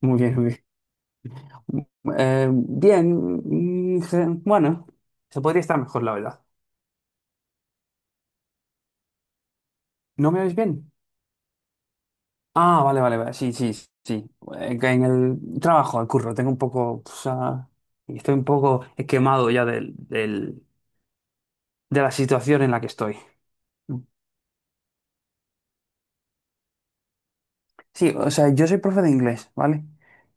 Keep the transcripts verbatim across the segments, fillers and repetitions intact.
Muy bien, muy bien. Eh, bien, mm, se- bueno, se podría estar mejor, la verdad. ¿No me oís bien? Ah, vale, vale, vale. Sí, sí, sí. Eh, que En el trabajo, el curro, tengo un poco, o sea, estoy un poco quemado ya del, del- de la situación en la que estoy. Sí, o sea, yo soy profe de inglés, ¿vale?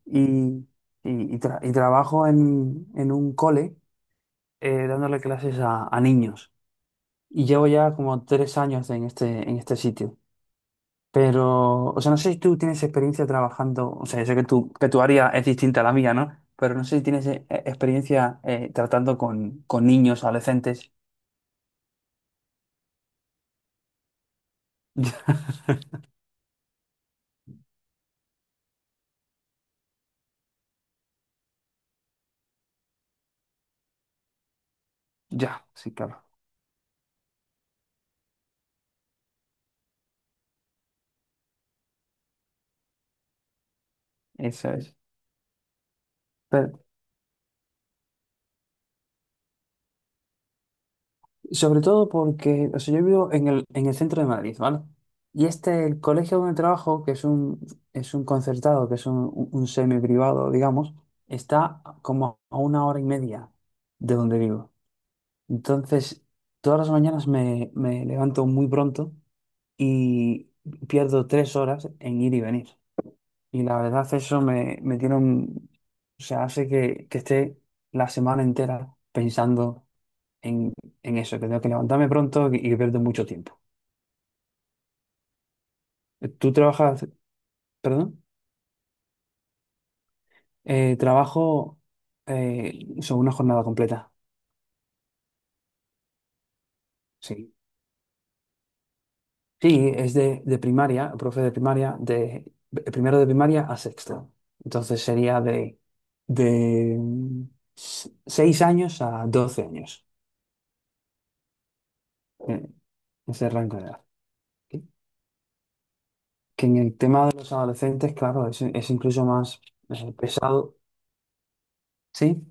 Y, y- y tra- y trabajo en, en un cole eh, dándole clases a, a niños. Y llevo ya como tres años en este, en este sitio. Pero, o sea, no sé si tú tienes experiencia trabajando, o sea, yo sé que tu, que tu área es distinta a la mía, ¿no? Pero no sé si tienes eh, eh, experiencia eh, tratando con, con niños, adolescentes. Ya, sí, claro, eso es. Pero, sobre todo porque, o sea, yo vivo en el, en el centro de Madrid, ¿vale? Y este, el colegio donde trabajo, que es un, es un concertado, que es un, un semi privado, digamos, está como a una hora y media de donde vivo. Entonces, todas las mañanas me, me levanto muy pronto y pierdo tres horas en ir y venir. Y la verdad, eso me, me tiene un. O sea, hace que, que esté la semana entera pensando en, en eso, que tengo que levantarme pronto y que pierdo mucho tiempo. Eh, Tú trabajas, perdón. Eh, trabajo eh, sobre una jornada completa. Sí. Sí, es de, de primaria, profe de primaria, de, de primero de primaria a sexto. Entonces sería de, de mm, s- seis años a doce años, eh, ese rango de edad. Que que en el tema de los adolescentes, claro, es, es incluso más eh, pesado. Sí,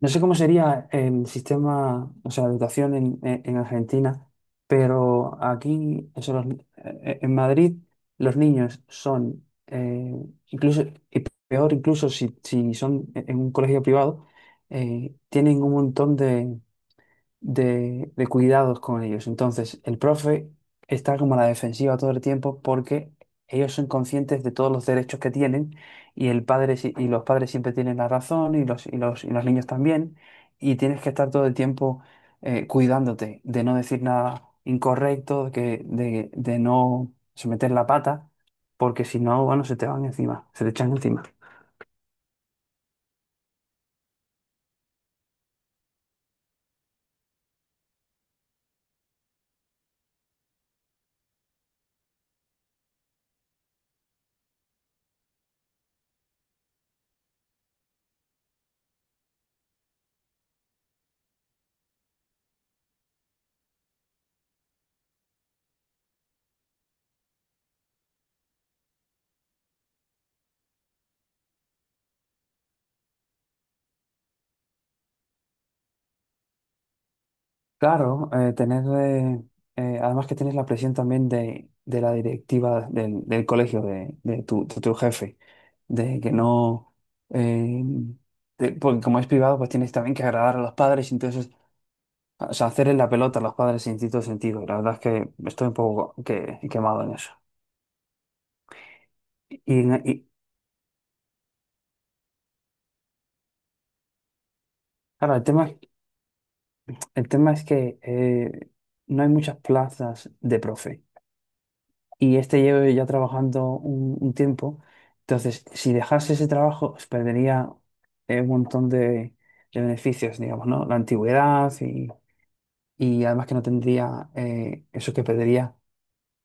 no sé cómo sería el sistema, o sea, de educación en, en- en Argentina, pero aquí, eso, los ni- eh, en Madrid, los niños son, eh, incluso, y peor incluso si, si son en un colegio privado, eh, tienen un montón de, de, de cuidados con ellos. Entonces, el profe está como a la defensiva todo el tiempo porque ellos son conscientes de todos los derechos que tienen y el padre si- y los padres siempre tienen la razón y los, y los, y los niños también, y tienes que estar todo el tiempo eh, cuidándote de no decir nada incorrecto, de, que, de, de no someter la pata, porque si no, bueno, se te van encima, se te echan encima. Claro, eh, tener, eh, eh, además que tienes la presión también de, de la directiva del, del colegio, de, de tu, de tu jefe, de que no, eh, de- porque como es privado, pues tienes también que agradar a los padres, entonces, o sea, hacerle la pelota a los padres en cierto sentido. La verdad es que estoy un poco que, quemado en eso. Y, y, claro, el tema, el tema es que eh, no hay muchas plazas de profe. Y este lleve ya trabajando un, un tiempo. Entonces, si dejase ese trabajo, pues perdería eh, un montón de, de beneficios, digamos, ¿no? La antigüedad, y, y además que no tendría eh, eso, que perdería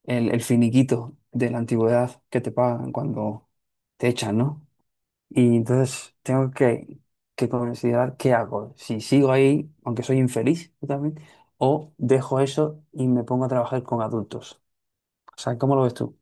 el, el finiquito de la antigüedad que te pagan cuando te echan, ¿no? Y entonces tengo que, que considerar qué hago, si sigo ahí, aunque soy infeliz totalmente, o dejo eso y me pongo a trabajar con adultos. O sea, ¿cómo lo ves tú?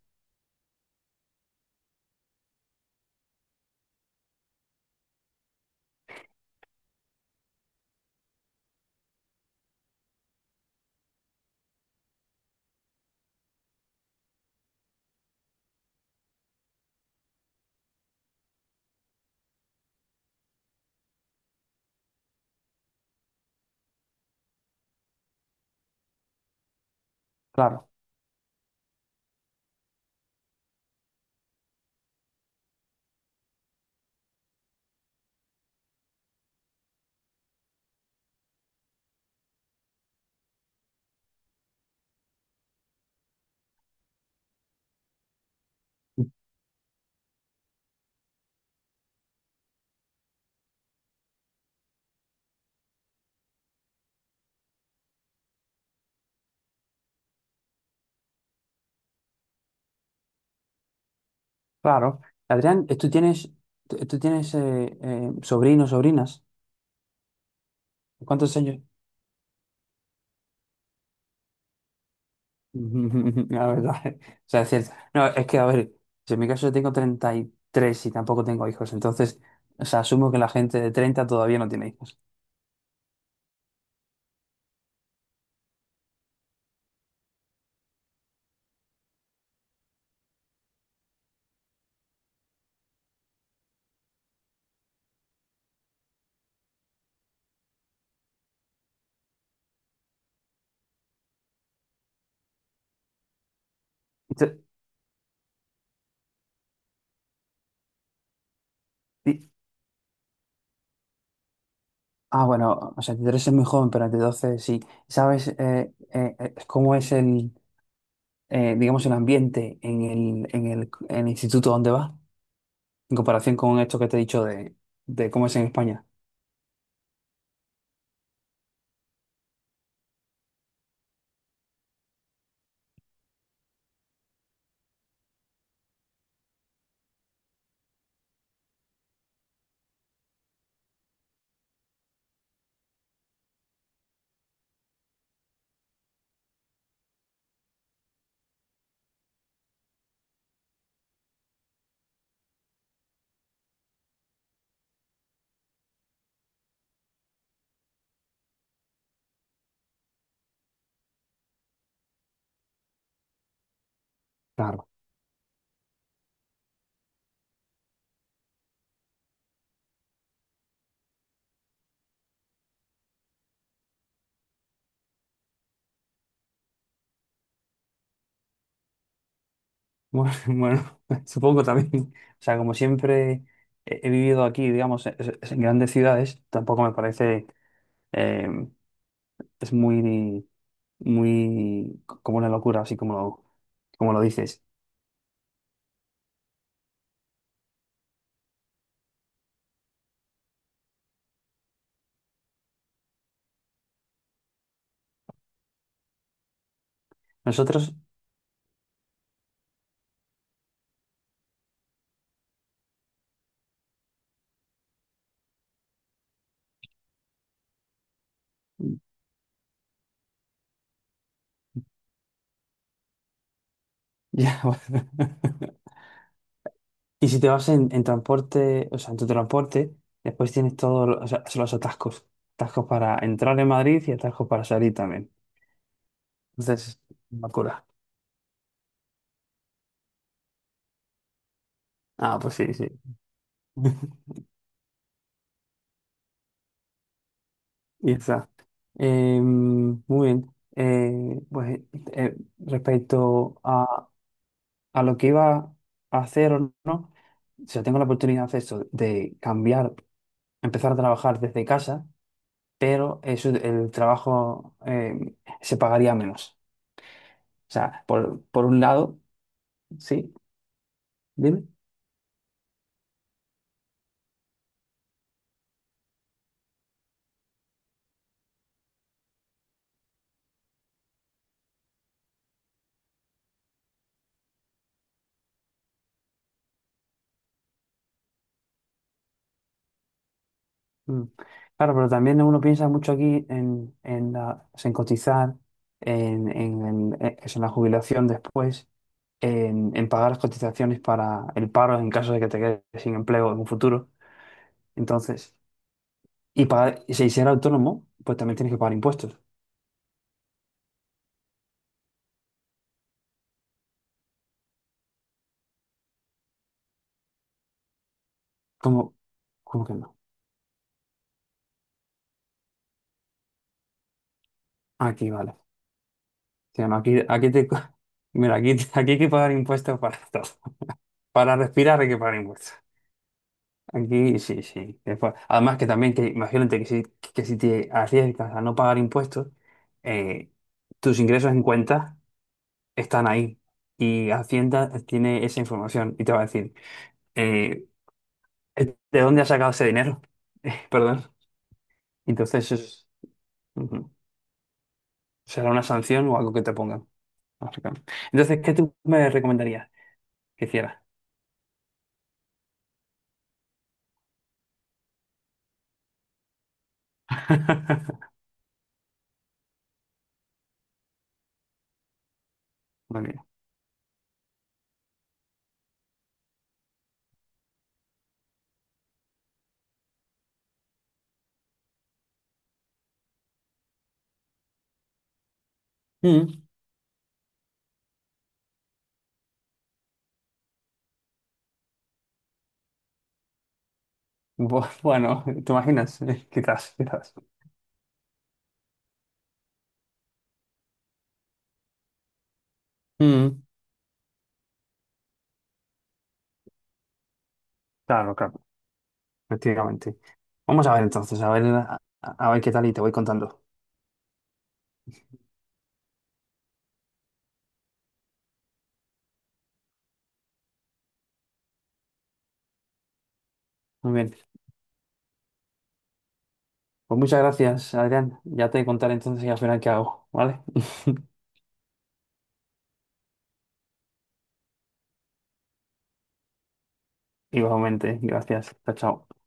Claro. Claro. Adrián, eh, ¿tú tienes, tú tú tienes eh, eh, sobrinos, sobrinas? ¿Cuántos años? La verdad. O sea, es cierto. No, es que, a ver, si en mi caso yo tengo treinta y tres y tampoco tengo hijos, entonces, o sea, asumo que la gente de treinta todavía no tiene hijos. Ent- y- ah, bueno, o sea, treinta y tres es muy joven, pero entre doce sí. ¿Sabes eh, eh, eh, cómo es el, eh, digamos, el ambiente en el, en el, en el instituto donde vas en comparación con esto que te he dicho de, de cómo es en España? Bueno, bueno, supongo también. O sea, como siempre he he vivido aquí, digamos, es- es en grandes ciudades, tampoco me parece, eh, es muy, muy co- como una locura, así como lo, como lo dices. Nosotros, ya, bueno. Y si te vas en, en transporte, o sea, en tu transporte, después tienes todos los, o sea, son los atascos. Atascos para entrar en Madrid y atascos para salir también. Entonces, una locura. Ah, pues sí, sí. Exacto. Eh, mm, muy bien. Eh, pues eh, respecto a, a lo que iba a hacer o no, si yo tengo la oportunidad de hacer eso, de cambiar, empezar a trabajar desde casa, pero eso, el trabajo eh, se pagaría menos. O sea, por, por un lado, sí, dime. Mm. Claro, pero también uno piensa mucho aquí en, en, la- o sea, en cotizar, en, en, en- en- eso, en la jubilación después. en, en pagar las cotizaciones para el paro en caso de que te quedes sin empleo en un futuro. Entonces, y pagar y si ser autónomo, pues también tienes que pagar impuestos. ¿Cómo, cómo que no? Aquí, vale. Sí, no, aquí, aquí te, mira, aquí, aquí hay que pagar impuestos para todo. Para respirar hay que pagar impuestos. Aquí sí, sí. Después, además que también, que imagínate que si, que si te arriesgas a no pagar impuestos, eh, tus ingresos en cuenta están ahí y Hacienda tiene esa información y te va a decir, eh, ¿de dónde ha sacado ese dinero? Eh, Perdón. Entonces, es- ujú. Será una sanción o algo que te pongan, básicamente. Entonces, ¿qué tú me recomendarías que hiciera? Muy bien. Mm. Bu- Bueno, ¿te imaginas? Eh, Quizás, quizás. Mm. Claro, claro, efectivamente. Vamos a ver entonces, a ver, a, a ver qué tal y te voy contando. Muy bien. Pues muchas gracias, Adrián. Ya te contaré entonces y al final qué hago, ¿vale? Igualmente, gracias. Chao, chao.